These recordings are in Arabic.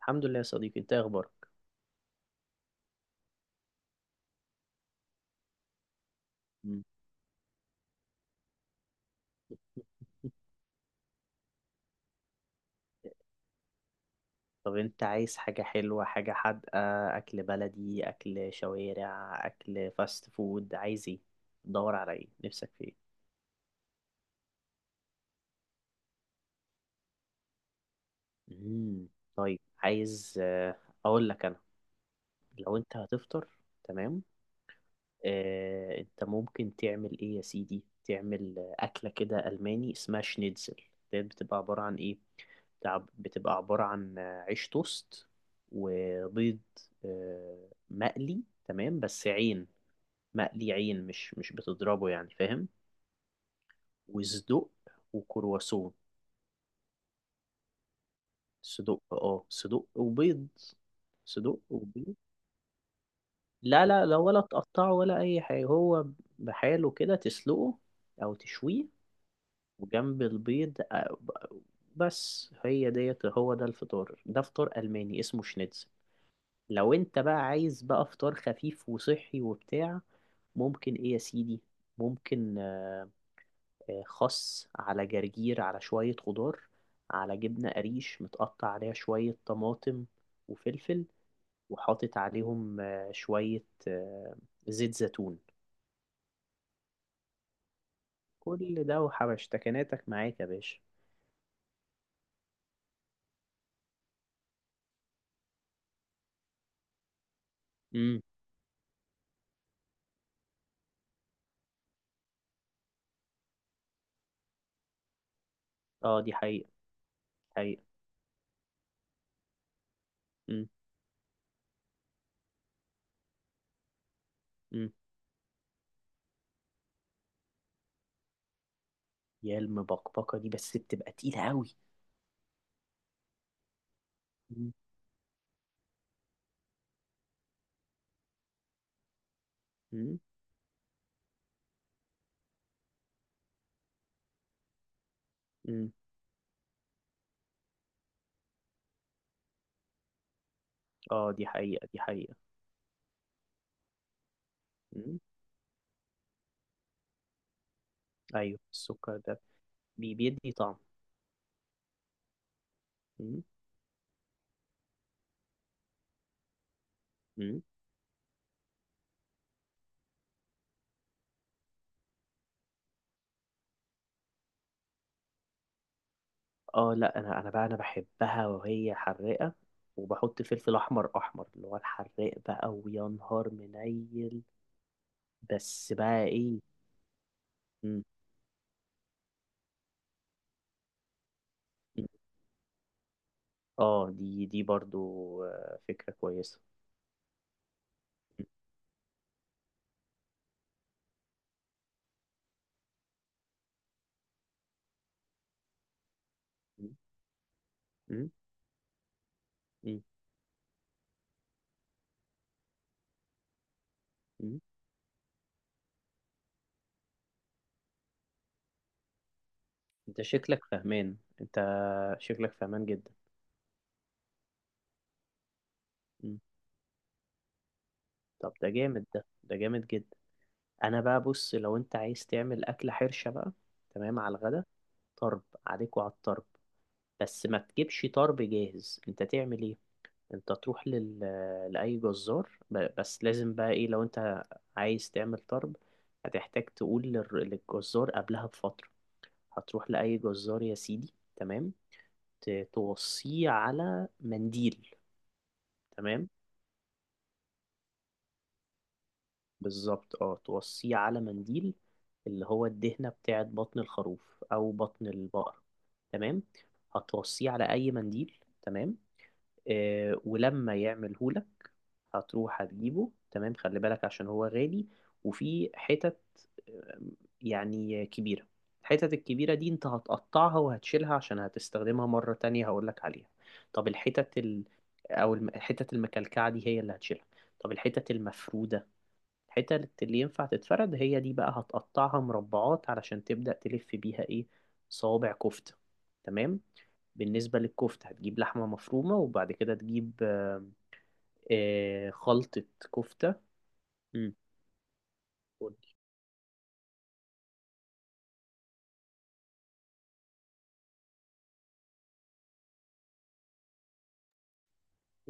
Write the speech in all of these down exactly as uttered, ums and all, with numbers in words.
الحمد لله يا صديقي، انت ايه اخبارك؟ مم. طب انت عايز حاجة حلوة حاجة حادقة؟ اكل بلدي، اكل شوارع، اكل فاست فود، عايز ايه؟ دور على ايه؟ نفسك في ايه؟ مم. طيب، عايز اه، اقول لك انا. لو انت هتفطر، تمام، آه، انت ممكن تعمل ايه يا سيدي، تعمل آه، اكله كده الماني اسمها شنيتزل. ديت بتبقى عباره عن ايه؟ بتاع- بتبقى عباره عن آه، عيش توست وبيض آه، مقلي، تمام، بس عين. مقلي عين، مش مش بتضربه يعني، فاهم؟ وصدق وكرواسون. صدق اه صدق وبيض. صدق وبيض. لا، لا، لا، ولا تقطعه ولا اي حاجه، هو بحاله كده، تسلقه او تشويه. وجنب البيض آه، بس هي ديت، هو ده الفطار، ده فطار ألماني اسمه شنيتزل. لو انت بقى عايز بقى فطار خفيف وصحي وبتاع، ممكن ايه يا سيدي، ممكن آه، خس على جرجير، على شوية خضار، على جبنة قريش متقطع عليها شوية طماطم وفلفل، وحاطط عليهم آه، شوية آه، زيت زيتون. كل ده وحبشتكناتك معاك يا باشا. امم. اه، دي حقيقة، حقيقة. مم. مم. يا، المبقبقة دي بس بتبقى تقيلة قوي. مم. مم. مم. اه، دي حقيقة، دي حقيقة. مم. ايوه، السكر ده بي- بيدي طعم. مم. مم. اه لا، انا انا بقى انا بحبها وهي حراقة. وبحط فلفل احمر احمر، اللي هو الحراق بقى، ويا نهار منيل. بس بقى ايه. مم. مم. اه، دي دي برضو آه، فكرة كويسة. مم. مم. مم. مم. انت شكلك فهمان انت شكلك فهمان جدا. طب ده جامد، ده ده جامد جدا. انا بقى، بص، لو انت عايز تعمل اكله حرشه بقى، تمام على الغدا. طرب عليك وعلى الطرب. بس ما تجيبش طرب جاهز، انت تعمل ايه؟ انت تروح لل... لاي جزار، ب... بس لازم بقى ايه لو انت عايز تعمل طرب. هتحتاج تقول لل... للجزار قبلها بفتره. هتروح لاي جزار يا سيدي، تمام. ت... توصيه على منديل، تمام. بالظبط، اه، توصيه على منديل. اللي هو الدهنة بتاعت بطن الخروف أو بطن البقر، تمام. هتوصيه على أي منديل، تمام. آه ولما يعملهولك، هتروح هتجيبه، تمام، خلي بالك عشان هو غالي. وفي حتت آه، يعني كبيرة. الحتت الكبيرة دي انت هتقطعها وهتشيلها عشان هتستخدمها مرة تانية، هقولك عليها. طب الحتت ال... أو الم- الحتت المكلكعة دي هي اللي هتشيلها. طب الحتت المفرودة، الحتت اللي ينفع تتفرد هي دي بقى، هتقطعها مربعات علشان تبدأ تلف بيها ايه؟ صوابع كفتة. تمام. بالنسبة للكفتة، هتجيب لحمة مفرومة، وبعد كده تجيب آه، آه، خلطة كفتة. مم. قولي.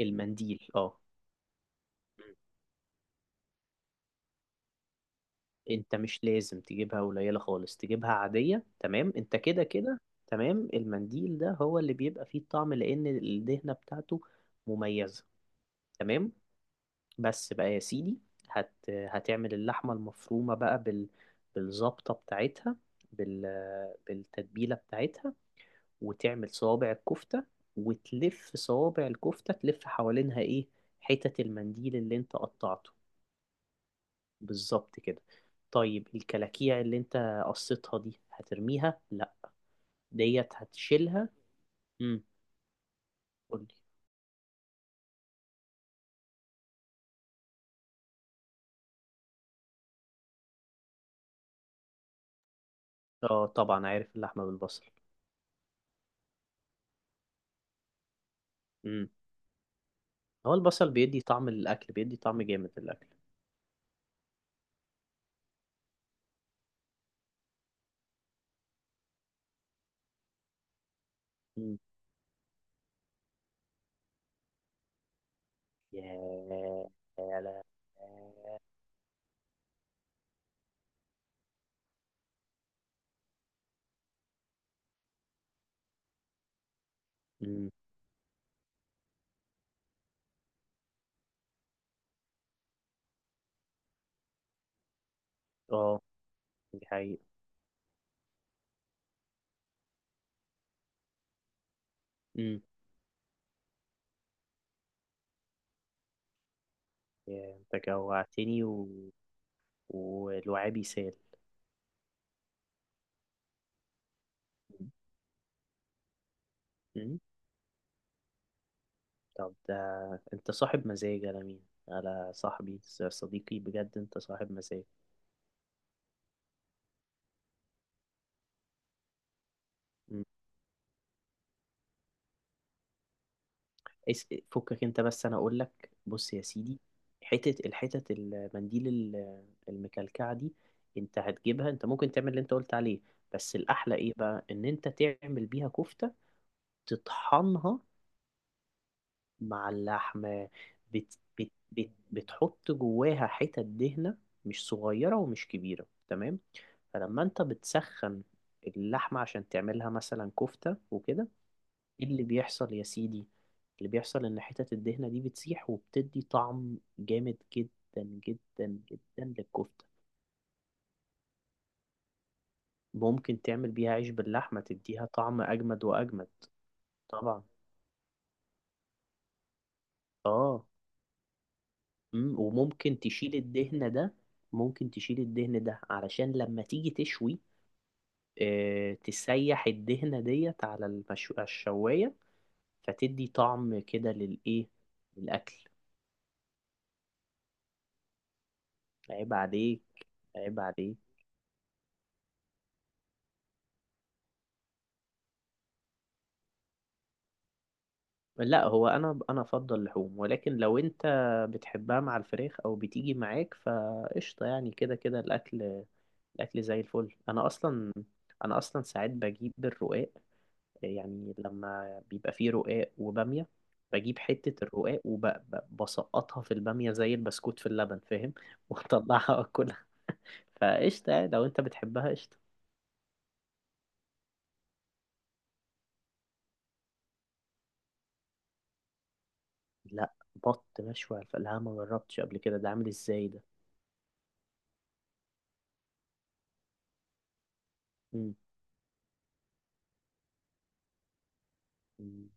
المنديل، اه. مم. انت مش لازم تجيبها قليلة خالص، تجيبها عادية، تمام، انت كده كده. تمام، المنديل ده هو اللي بيبقى فيه الطعم، لأن الدهنة بتاعته مميزة. تمام. بس بقى يا سيدي، هت... هتعمل اللحمة المفرومة بقى بال... بالظبطة بتاعتها، بال... بالتتبيلة بتاعتها. وتعمل صوابع الكفتة. وتلف صوابع الكفتة تلف حوالينها ايه؟ حتت المنديل اللي انت قطعته. بالظبط كده. طيب الكلاكيع اللي انت قصيتها دي هترميها؟ لا، ديت هتشيلها. امم. قولي. اه، طبعا عارف اللحمة بالبصل. امم. هو البصل بيدي طعم، الأكل بيدي طعم جامد للأكل. ياه. يا لا. أمم. اه، دي حقيقة. أمم. يا انت جوعتني و... والوعي بيسال. أمم. طب ده، انت صاحب مزاج على مين؟ على صاحبي، ص- صديقي، بجد انت صاحب مزاج. أمم. اس... فكك انت، بس انا اقول لك، بص يا سيدي، حتة الحتة المنديل ال- المكلكعة دي، انت هتجيبها، انت ممكن تعمل اللي انت قلت عليه. بس الاحلى ايه بقى، ان انت تعمل بيها كفتة. تطحنها مع اللحمة. بت بت بت بتحط جواها حتت دهنة، مش صغيرة ومش كبيرة، تمام. فلما انت بتسخن اللحمة عشان تعملها مثلا كفتة وكده، ايه اللي بيحصل يا سيدي؟ اللي بيحصل ان حتت الدهنة دي بتسيح وبتدي طعم جامد، جدا جدا جدا، للكفتة. ممكن تعمل بيها عيش باللحمة، تديها طعم اجمد واجمد. طبعا. اه. مم. وممكن تشيل الدهن ده. ممكن تشيل الدهن ده علشان لما تيجي تشوي، آه، تسيح الدهنة ديت على المشو... على الشواية. فتدي طعم كده للإيه؟ للأكل. عيب عليك، عيب عليك. لا، هو أنا أنا أفضل لحوم، ولكن لو أنت بتحبها مع الفراخ أو بتيجي معاك فقشطة، يعني كده كده الأكل الأكل زي الفل. أنا أصلا أنا أصلا ساعات بجيب الرقاق. يعني لما بيبقى فيه رقاق وبامية، بجيب حتة الرقاق وبسقطها في البامية، زي البسكوت في اللبن، فاهم؟ واطلعها واكلها. فقشطة يعني لو انت بتحبها قشطة. لا، بط مشوي على الفلاحة ما جربتش قبل كده، ده عامل ازاي ده؟ مم. مم.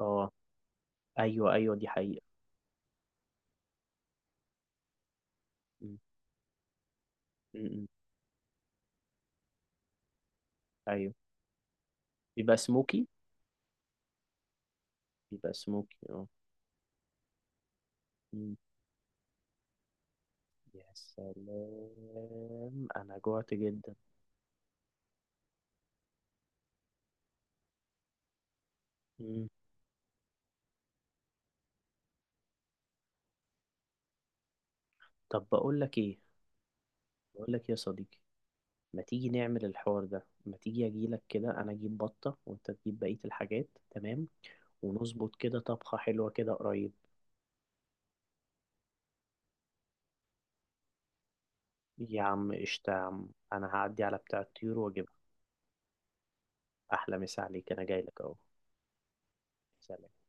اه، ايوه، ايوه، دي حقيقة. مم. مم. مم. ايوه، بيبقى سموكي. بيبقى سموكي، اه. مم. يا سلام، انا جوعت جدا. مم. طب بقول لك ايه بقول لك يا صديقي، ما تيجي نعمل الحوار ده، ما تيجي اجيلك كده، انا اجيب بطة وانت تجيب بقية الحاجات، تمام، ونظبط كده طبخة حلوة كده قريب. يا عم قشطة، يا عم، انا هعدي على بتاع الطيور واجيبها. احلى مسا عليك، انا جايلك اهو. سلام.